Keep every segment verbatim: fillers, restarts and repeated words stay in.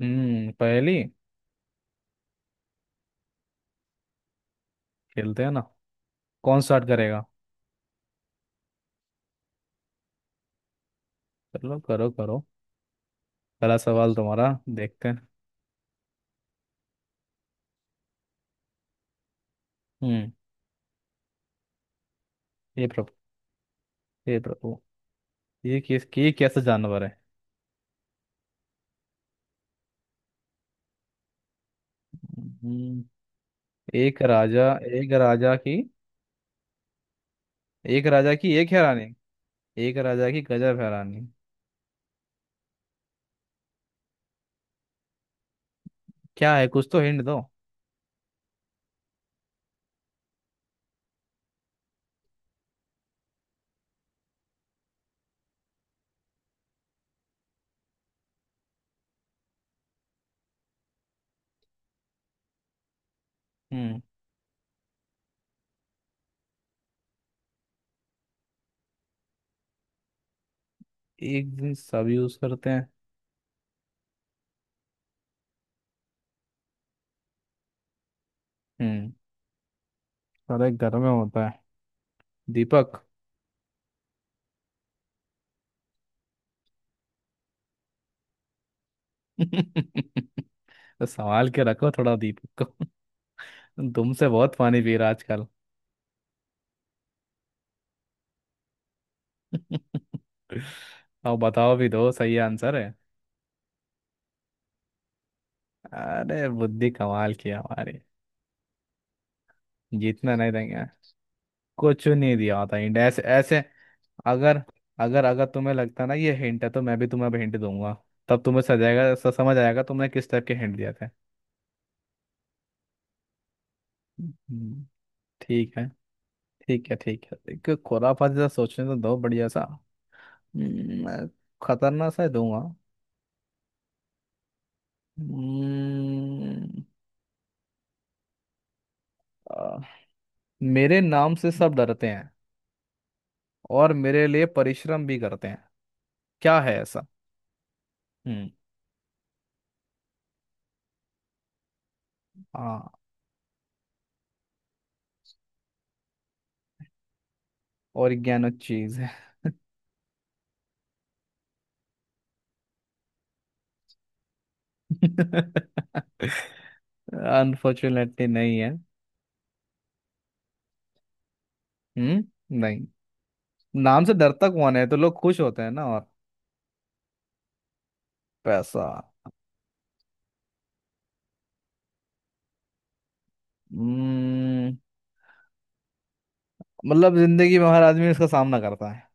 हम्म। पहली खेलते हैं ना? कौन स्टार्ट करेगा? चलो, करो करो। पहला सवाल तुम्हारा। देखते हैं। हम्म। ये प्रभु। ये प्रभु। ये किस ये कैसा जानवर है? हम्म, एक राजा एक राजा की एक राजा की एक है रानी। एक राजा की गजब है रानी। क्या है? कुछ तो हिंट दो। हम्म। एक दिन सब यूज करते हैं। हम्म, सारे घर में होता है। दीपक। तो संभाल के रखो थोड़ा दीपक को। तुमसे बहुत पानी पी रहा आजकल। अब बताओ भी, दो सही आंसर है। अरे, बुद्धि कमाल की है हमारी। जीतना नहीं देंगे। कुछ नहीं दिया होता हिंट, ऐसे ऐसे। अगर अगर अगर तुम्हें लगता ना ये हिंट है, तो मैं भी तुम्हें अब हिंट दूंगा। तब तुम्हें सजाएगा स- समझ आएगा तुमने किस टाइप के हिंट दिया था। हम्म, ठीक है ठीक है ठीक है, एक खुराफा जैसा सोचने तो दो बढ़िया सा। हम्म, मैं खतरनाक सा ही दूंगा। हम्म, आ, मेरे नाम से सब डरते हैं और मेरे लिए परिश्रम भी करते हैं। क्या है ऐसा? हम्म। हाँ, ऑर्गेनो चीज है। अनफॉर्चुनेटली नहीं है। हम्म। नहीं। नाम से डरता कौन है? तो लोग खुश होते हैं ना, और पैसा। हम्म मतलब जिंदगी में हर आदमी इसका सामना करता है।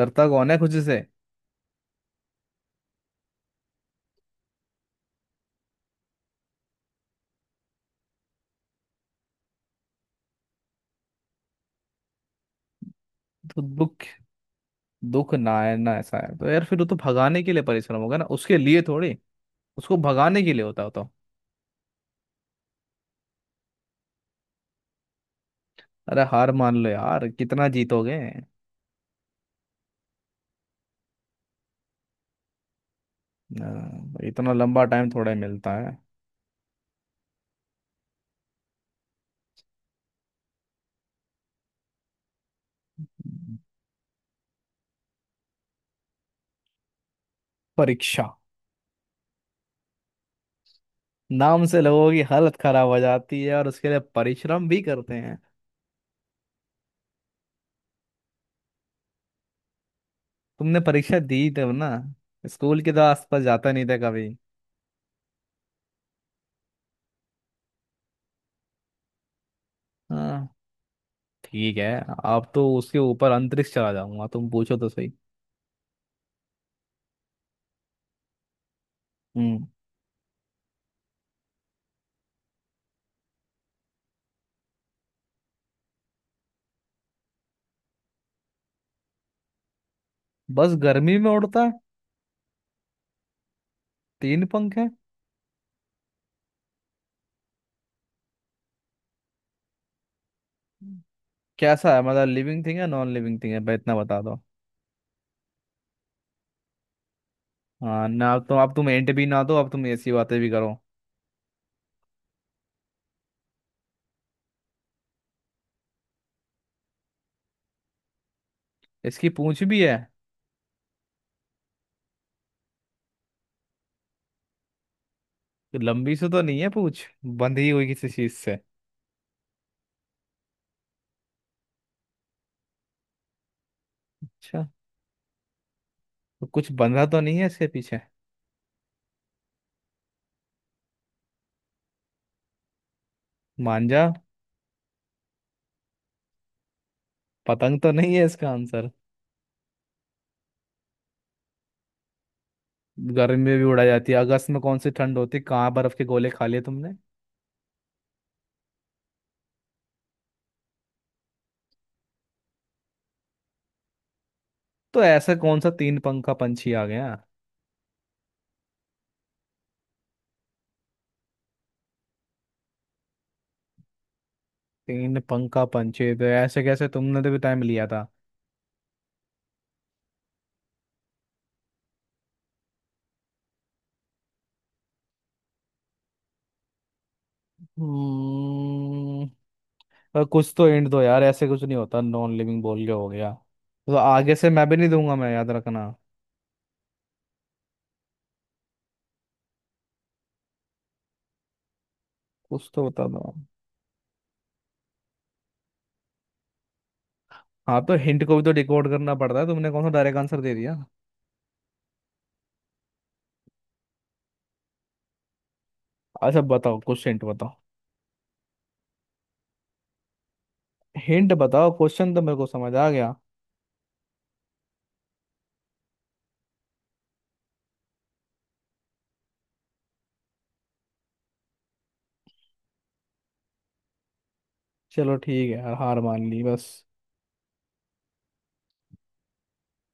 डरता कौन है खुद से? तो दुख दुख ना है ना? ऐसा है तो यार, फिर वो तो भगाने के लिए परिश्रम होगा ना, उसके लिए थोड़ी। उसको भगाने के लिए होता होता। अरे, हार मान लो यार, कितना जीतोगे। हाँ, इतना लंबा टाइम थोड़ा ही मिलता है। परीक्षा। नाम से लोगों की हालत खराब हो जाती है और उसके लिए परिश्रम भी करते हैं। तुमने परीक्षा दी तब ना। स्कूल के तो आसपास जाता नहीं था कभी। हाँ ठीक है। अब तो उसके ऊपर अंतरिक्ष चला जाऊंगा, तुम पूछो तो सही। हम्म बस गर्मी में उड़ता है। तीन पंख है। कैसा है? मतलब लिविंग थिंग है, नॉन लिविंग थिंग है? भाई इतना बता दो। हाँ ना, तो अब तुम एंट भी ना दो, अब तुम ऐसी बातें भी करो। इसकी पूंछ भी है। लंबी से तो नहीं है पूछ, बंधी हुई किसी चीज से? अच्छा। तो कुछ बंधा तो नहीं है इसके पीछे? मांझा। पतंग तो नहीं है इसका आंसर? गर्मी में भी उड़ा जाती है, अगस्त में कौन सी ठंड होती है, कहाँ बर्फ के गोले खा लिए तुमने। तो ऐसा कौन सा तीन पंखा पंछी आ गया? तीन पंखा पंछी, तो ऐसे कैसे? तुमने तो भी टाइम लिया था। हम्म, और कुछ तो एंड दो यार, ऐसे कुछ नहीं होता नॉन लिविंग बोल के हो गया। तो आगे से मैं भी नहीं दूंगा मैं, याद रखना। कुछ तो बता दो। हाँ, तो हिंट को भी तो डिकोड करना पड़ता है, तुमने कौन सा डायरेक्ट आंसर दे दिया। अच्छा, बताओ कुछ हिंट बताओ। हिंट बताओ, क्वेश्चन तो मेरे को समझ आ गया। चलो ठीक है यार, हार मान ली बस।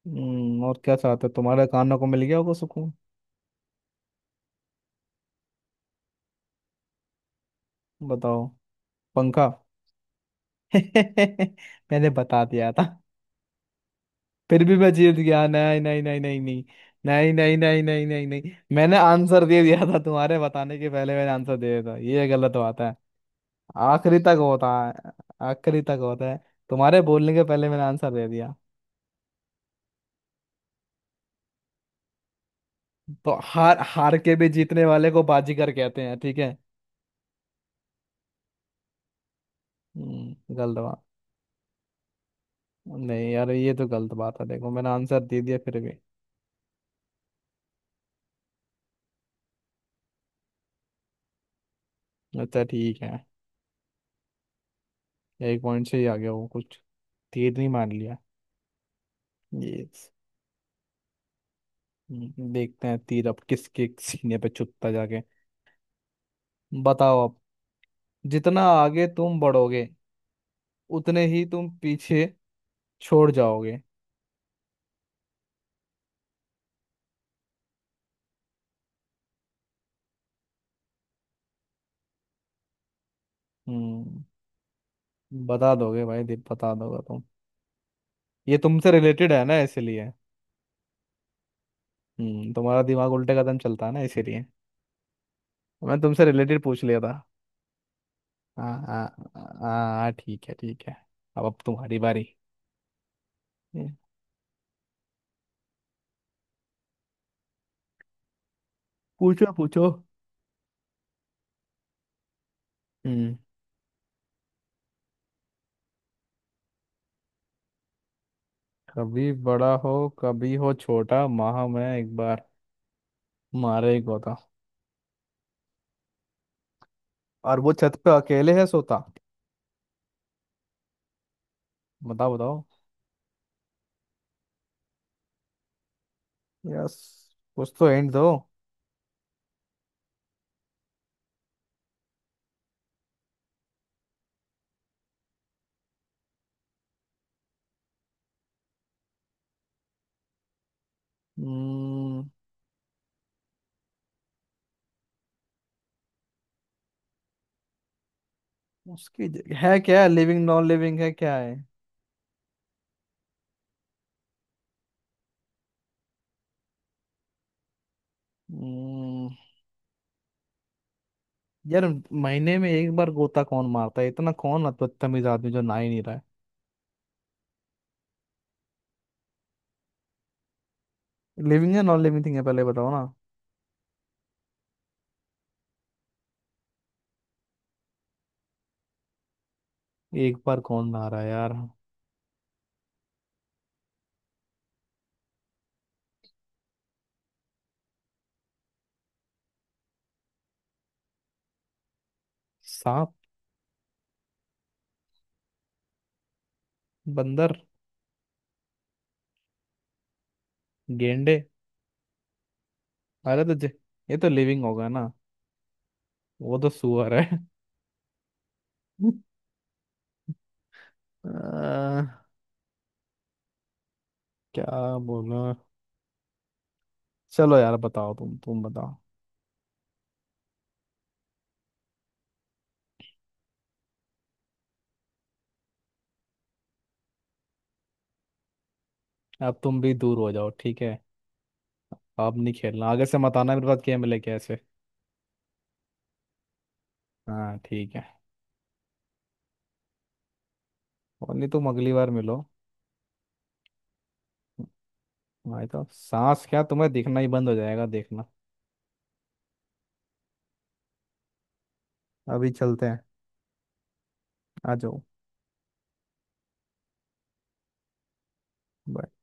हम्म, और क्या चाहते हो? तुम्हारे कानों को मिल गया होगा सुकून। बताओ। पंखा। मैंने बता दिया था। फिर भी मैं जीत गया। नहीं नहीं नहीं नहीं नहीं, नहीं नहीं नहीं नहीं नहीं नहीं, मैंने आंसर दे दिया था तुम्हारे बताने के पहले, मैंने आंसर दे दिया था, ये गलत बात है। आखिरी तक होता है। आखिरी तक होता है। तुम्हारे बोलने के पहले मैंने आंसर दे दिया। तो हार हार के भी जीतने वाले को बाजीगर कहते हैं, ठीक है। हम्म, गलत बात। नहीं यार, ये तो गलत बात है, देखो मैंने आंसर दे दिया फिर भी। अच्छा ठीक है। एक पॉइंट से ही आ गया वो कुछ। तीर नहीं मार लिया ये? देखते हैं तीर अब किसके सीने पे चुपता जाके। बताओ अब। जितना आगे तुम बढ़ोगे, उतने ही तुम पीछे छोड़ जाओगे। हम्म। बता दोगे भाई दीप, बता दोगे तुम? ये तुमसे रिलेटेड है ना, इसीलिए। हम्म, तुम्हारा दिमाग उल्टे कदम चलता है ना, इसीलिए मैं तुमसे रिलेटेड पूछ लिया था। हाँ हाँ। हाँ हाँ, ठीक है ठीक है। अब अब तुम्हारी बारी। हम्म, पूछो पूछो। हम्म। कभी बड़ा हो, कभी हो छोटा। माह में एक बार मारे एक होता। और वो छत पे अकेले है सोता। बताओ बताओ। यस। कुछ तो एंड दो। हम्म। उसकी ज- है क्या? लिविंग नॉन लिविंग है? क्या है? हम्म। यार महीने में एक बार गोता कौन मारता है? इतना कौन बदतमीज आदमी जो नहा ही नहीं रहा? है लिविंग, है नॉन लिविंग थिंग? है पहले बताओ ना। एक बार कौन नहा रहा है यार? सांप। बंदर। गेंडे। अरे तो जे- ये तो लिविंग होगा ना। वो तो सुअर है। आ, क्या? बोलो। चलो यार बताओ, तुम तुम बताओ। अब तुम भी दूर हो जाओ ठीक है। अब नहीं खेलना, आगे से मत आना मेरे पास गेम लेके ऐसे। हाँ ठीक है। और नहीं, तुम अगली बार मिलो। भाई तो सांस क्या, तुम्हें दिखना ही बंद हो जाएगा देखना। अभी चलते हैं। आ जाओ। Bye.